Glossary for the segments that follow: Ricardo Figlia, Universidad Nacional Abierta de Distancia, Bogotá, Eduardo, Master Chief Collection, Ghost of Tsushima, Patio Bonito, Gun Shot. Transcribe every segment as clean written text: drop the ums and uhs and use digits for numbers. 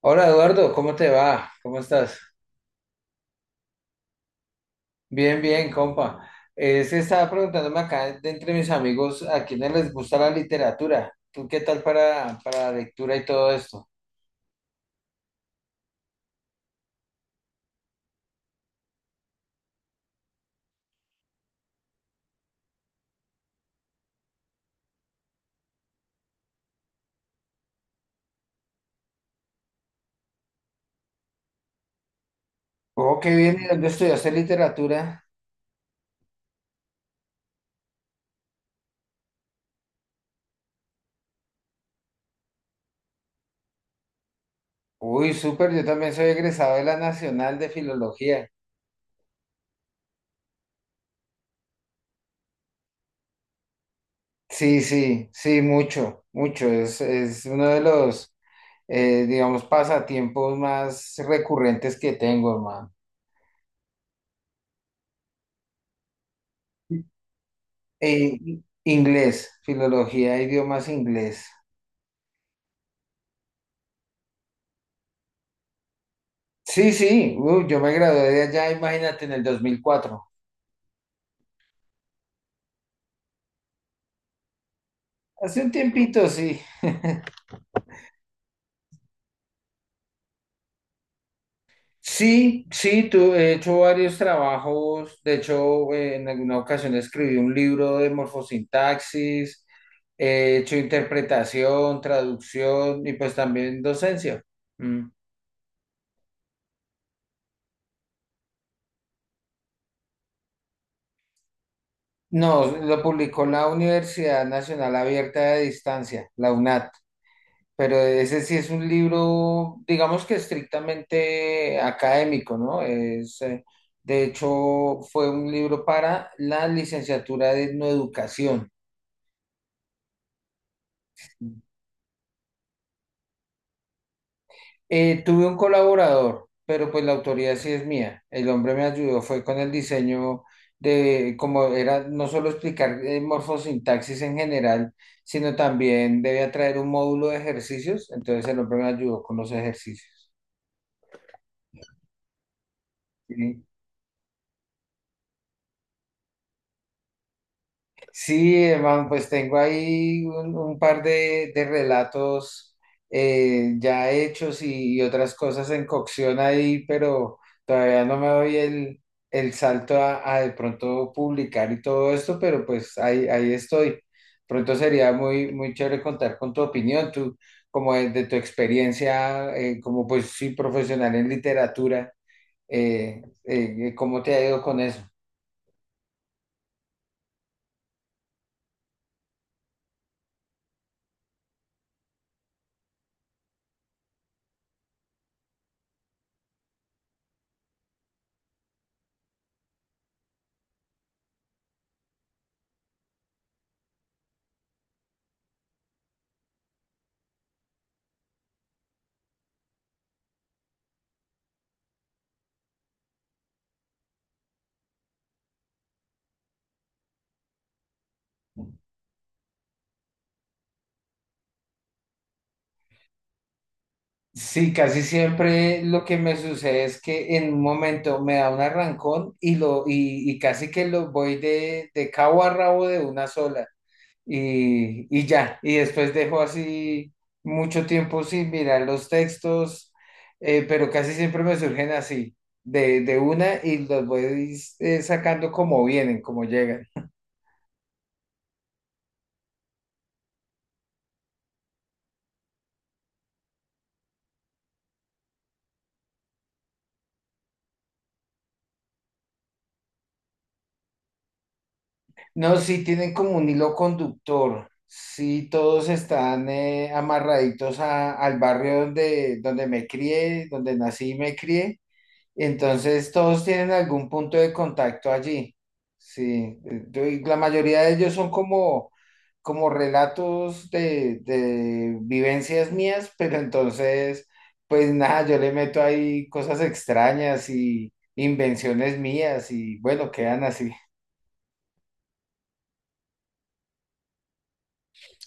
Hola Eduardo, ¿cómo te va? ¿Cómo estás? Bien, bien, compa. Se estaba preguntándome acá de entre mis amigos a quiénes les gusta la literatura. ¿Tú qué tal para la lectura y todo esto? Oh, qué bien, ¿y dónde estudiaste literatura? Uy, súper, yo también soy egresado de la Nacional de Filología. Sí, sí, sí, mucho, mucho. Es uno de los, digamos, pasatiempos más recurrentes que tengo, hermano. Eh, inglés, filología, idiomas inglés. Sí, sí, uy, yo me gradué de allá, imagínate, en el 2004. Hace un tiempito, sí. Sí, sí, he hecho varios trabajos. De hecho, en alguna ocasión escribí un libro de morfosintaxis, he hecho interpretación, traducción y pues también docencia. Mm. No, lo publicó la Universidad Nacional Abierta de Distancia, la UNAD. Pero ese sí es un libro, digamos que estrictamente académico, ¿no? De hecho, fue un libro para la licenciatura de etnoeducación. Tuve un colaborador, pero pues la autoría sí es mía. El hombre me ayudó, fue con el diseño de cómo era no solo explicar morfosintaxis en general, sino también debía traer un módulo de ejercicios. Entonces el hombre me ayudó con los ejercicios. ¿Sí? Sí, hermano, pues tengo ahí un par de relatos ya hechos y otras cosas en cocción ahí, pero todavía no me doy el salto a de pronto publicar y todo esto, pero pues ahí estoy. Pronto sería muy, muy chévere contar con tu opinión, tú, como de tu experiencia, como pues sí, profesional en literatura, ¿cómo te ha ido con eso? Sí, casi siempre lo que me sucede es que en un momento me da un arrancón y casi que lo voy de cabo a rabo de una sola y ya, y después dejo así mucho tiempo sin mirar los textos, pero casi siempre me surgen así, de una y los voy sacando como vienen, como llegan. No, sí tienen como un hilo conductor, sí todos están amarraditos al barrio donde me crié, donde nací y me crié, entonces todos tienen algún punto de contacto allí, sí, y la mayoría de ellos son como relatos de vivencias mías, pero entonces, pues nada, yo le meto ahí cosas extrañas y invenciones mías y bueno, quedan así.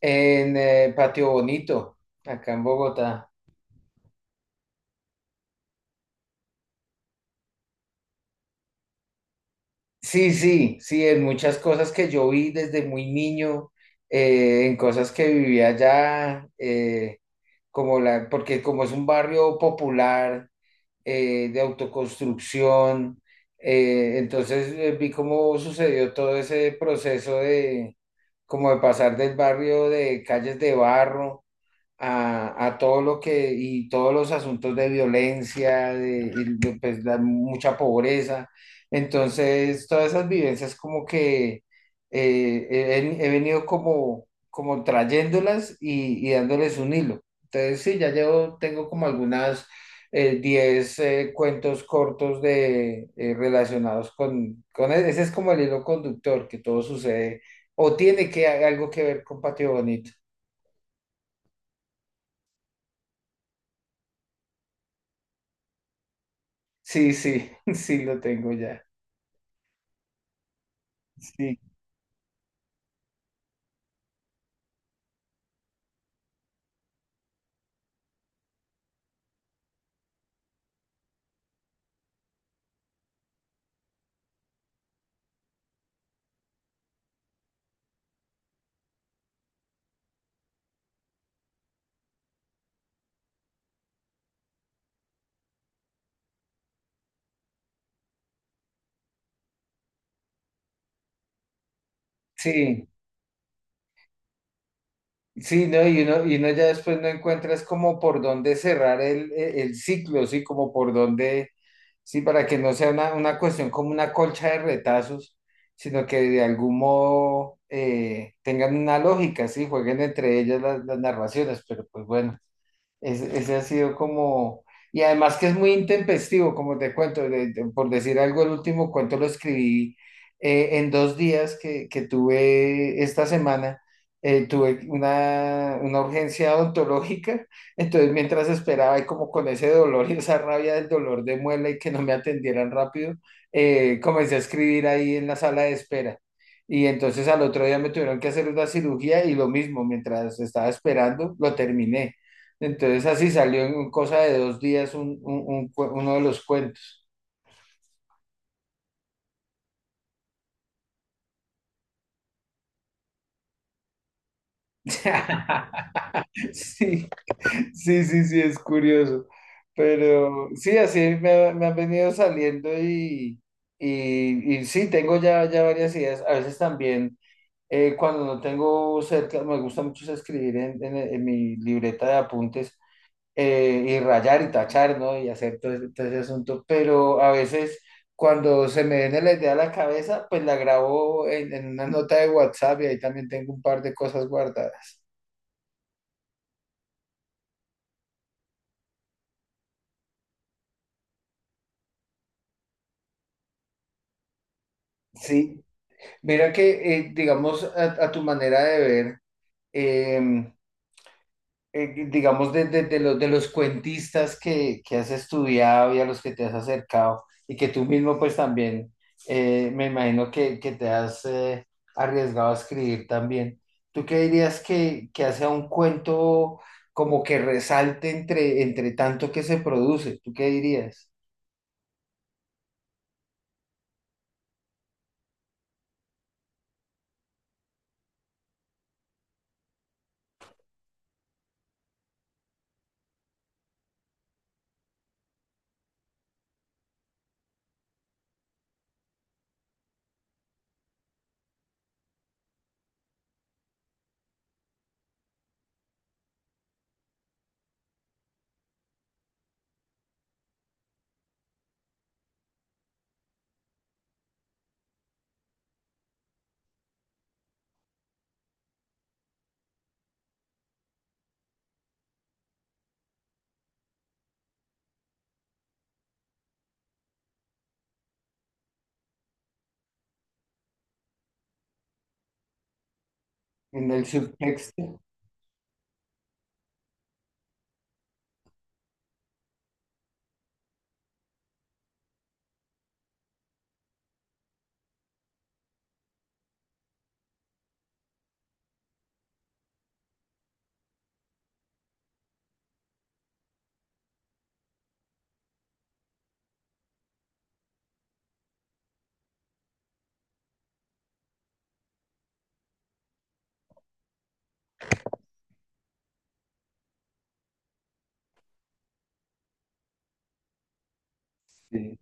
En Patio Bonito, acá en Bogotá. Sí, sí, sí, en muchas cosas que yo vi desde muy niño, en cosas que vivía allá, como porque como es un barrio popular, de autoconstrucción, entonces vi cómo sucedió todo ese proceso como de pasar del barrio de calles de barro a todo lo que y todos los asuntos de violencia, y pues, la mucha pobreza. Entonces, todas esas vivencias como que he venido como trayéndolas y dándoles un hilo. Entonces, sí, ya llevo, tengo como algunas 10 cuentos cortos relacionados con ese es como el hilo conductor que todo sucede o tiene que algo que ver con Patio Bonito. Sí, sí, sí lo tengo ya. Sí, sí. Sí, ¿no? Y uno ya después no encuentras como por dónde cerrar el ciclo, sí, como por dónde, sí, para que no sea una cuestión como una colcha de retazos, sino que de algún modo tengan una lógica, sí, jueguen entre ellas las narraciones, pero pues bueno, ese ha sido como, y además que es muy intempestivo, como te cuento, por decir algo, el último cuento lo escribí en 2 días que tuve esta semana tuve una urgencia odontológica, entonces mientras esperaba y como con ese dolor y esa rabia del dolor de muela y que no me atendieran rápido, comencé a escribir ahí en la sala de espera. Y entonces al otro día me tuvieron que hacer una cirugía y lo mismo, mientras estaba esperando, lo terminé. Entonces así salió en cosa de 2 días uno de los cuentos. Sí, sí, sí, sí, es curioso. Pero sí, así me han venido saliendo y, y sí, tengo ya, ya varias ideas. A veces también, cuando no tengo cerca, me gusta mucho es escribir en, en mi libreta de apuntes y rayar y tachar, ¿no? Y hacer todo ese asunto. Pero a veces, cuando se me viene la idea a la cabeza, pues la grabo en, una nota de WhatsApp y ahí también tengo un par de cosas guardadas. Sí. Mira que, digamos, a tu manera de ver, em, digamos, de los cuentistas que has estudiado y a los que te has acercado y que tú mismo pues también, me imagino que te has arriesgado a escribir también, ¿tú qué dirías que hace a un cuento como que resalte entre tanto que se produce? ¿Tú qué dirías? En el subtexto. Sí.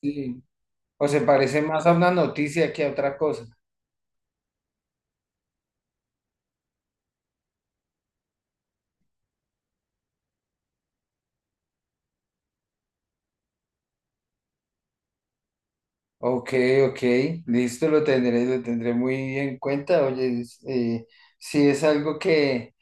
Sí. ¿O se parece más a una noticia que a otra cosa? Ok, ok, listo, lo tendré muy en cuenta. Oye, sí es algo que,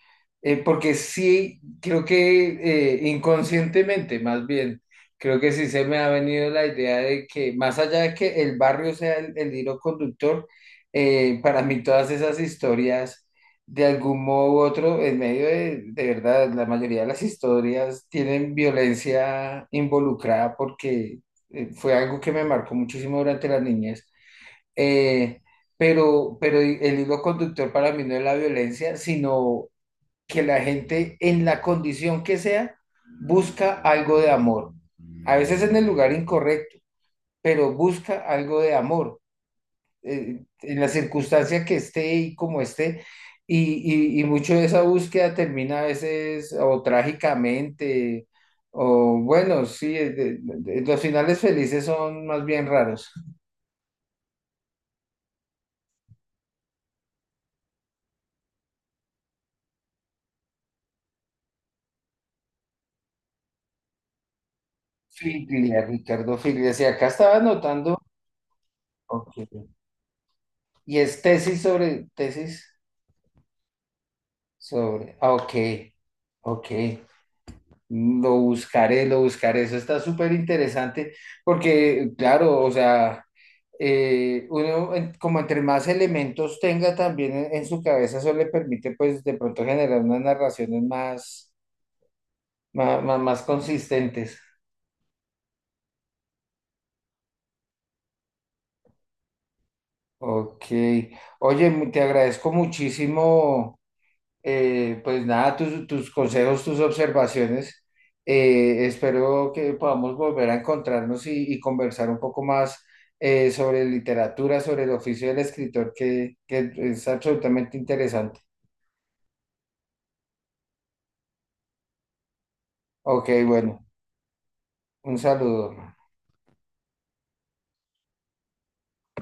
porque sí, creo que inconscientemente, más bien, creo que sí se me ha venido la idea de que más allá de que el barrio sea el hilo conductor, para mí todas esas historias, de algún modo u otro, en medio de verdad, la mayoría de las historias tienen violencia involucrada porque fue algo que me marcó muchísimo durante la niñez. Eh, pero el hilo conductor para mí no es la violencia, sino que la gente en la condición que sea busca algo de amor. A veces en el lugar incorrecto, pero busca algo de amor, en la circunstancia que esté y como esté. Y mucho de esa búsqueda termina a veces o trágicamente, o bueno, sí, los finales felices son más bien raros. Figlia, Ricardo Figlia. Sí, acá estaba anotando. Ok. Y es tesis sobre, tesis sobre. Ah, ok, ok. Lo buscaré, lo buscaré. Eso está súper interesante porque, claro, o sea, uno como entre más elementos tenga también en, su cabeza, eso le permite pues de pronto generar unas narraciones más, más, más, más consistentes. Ok. Oye, te agradezco muchísimo. Pues nada, tus consejos, tus observaciones. Espero que podamos volver a encontrarnos y conversar un poco más sobre literatura, sobre el oficio del escritor, que es absolutamente interesante. Ok, bueno, un saludo.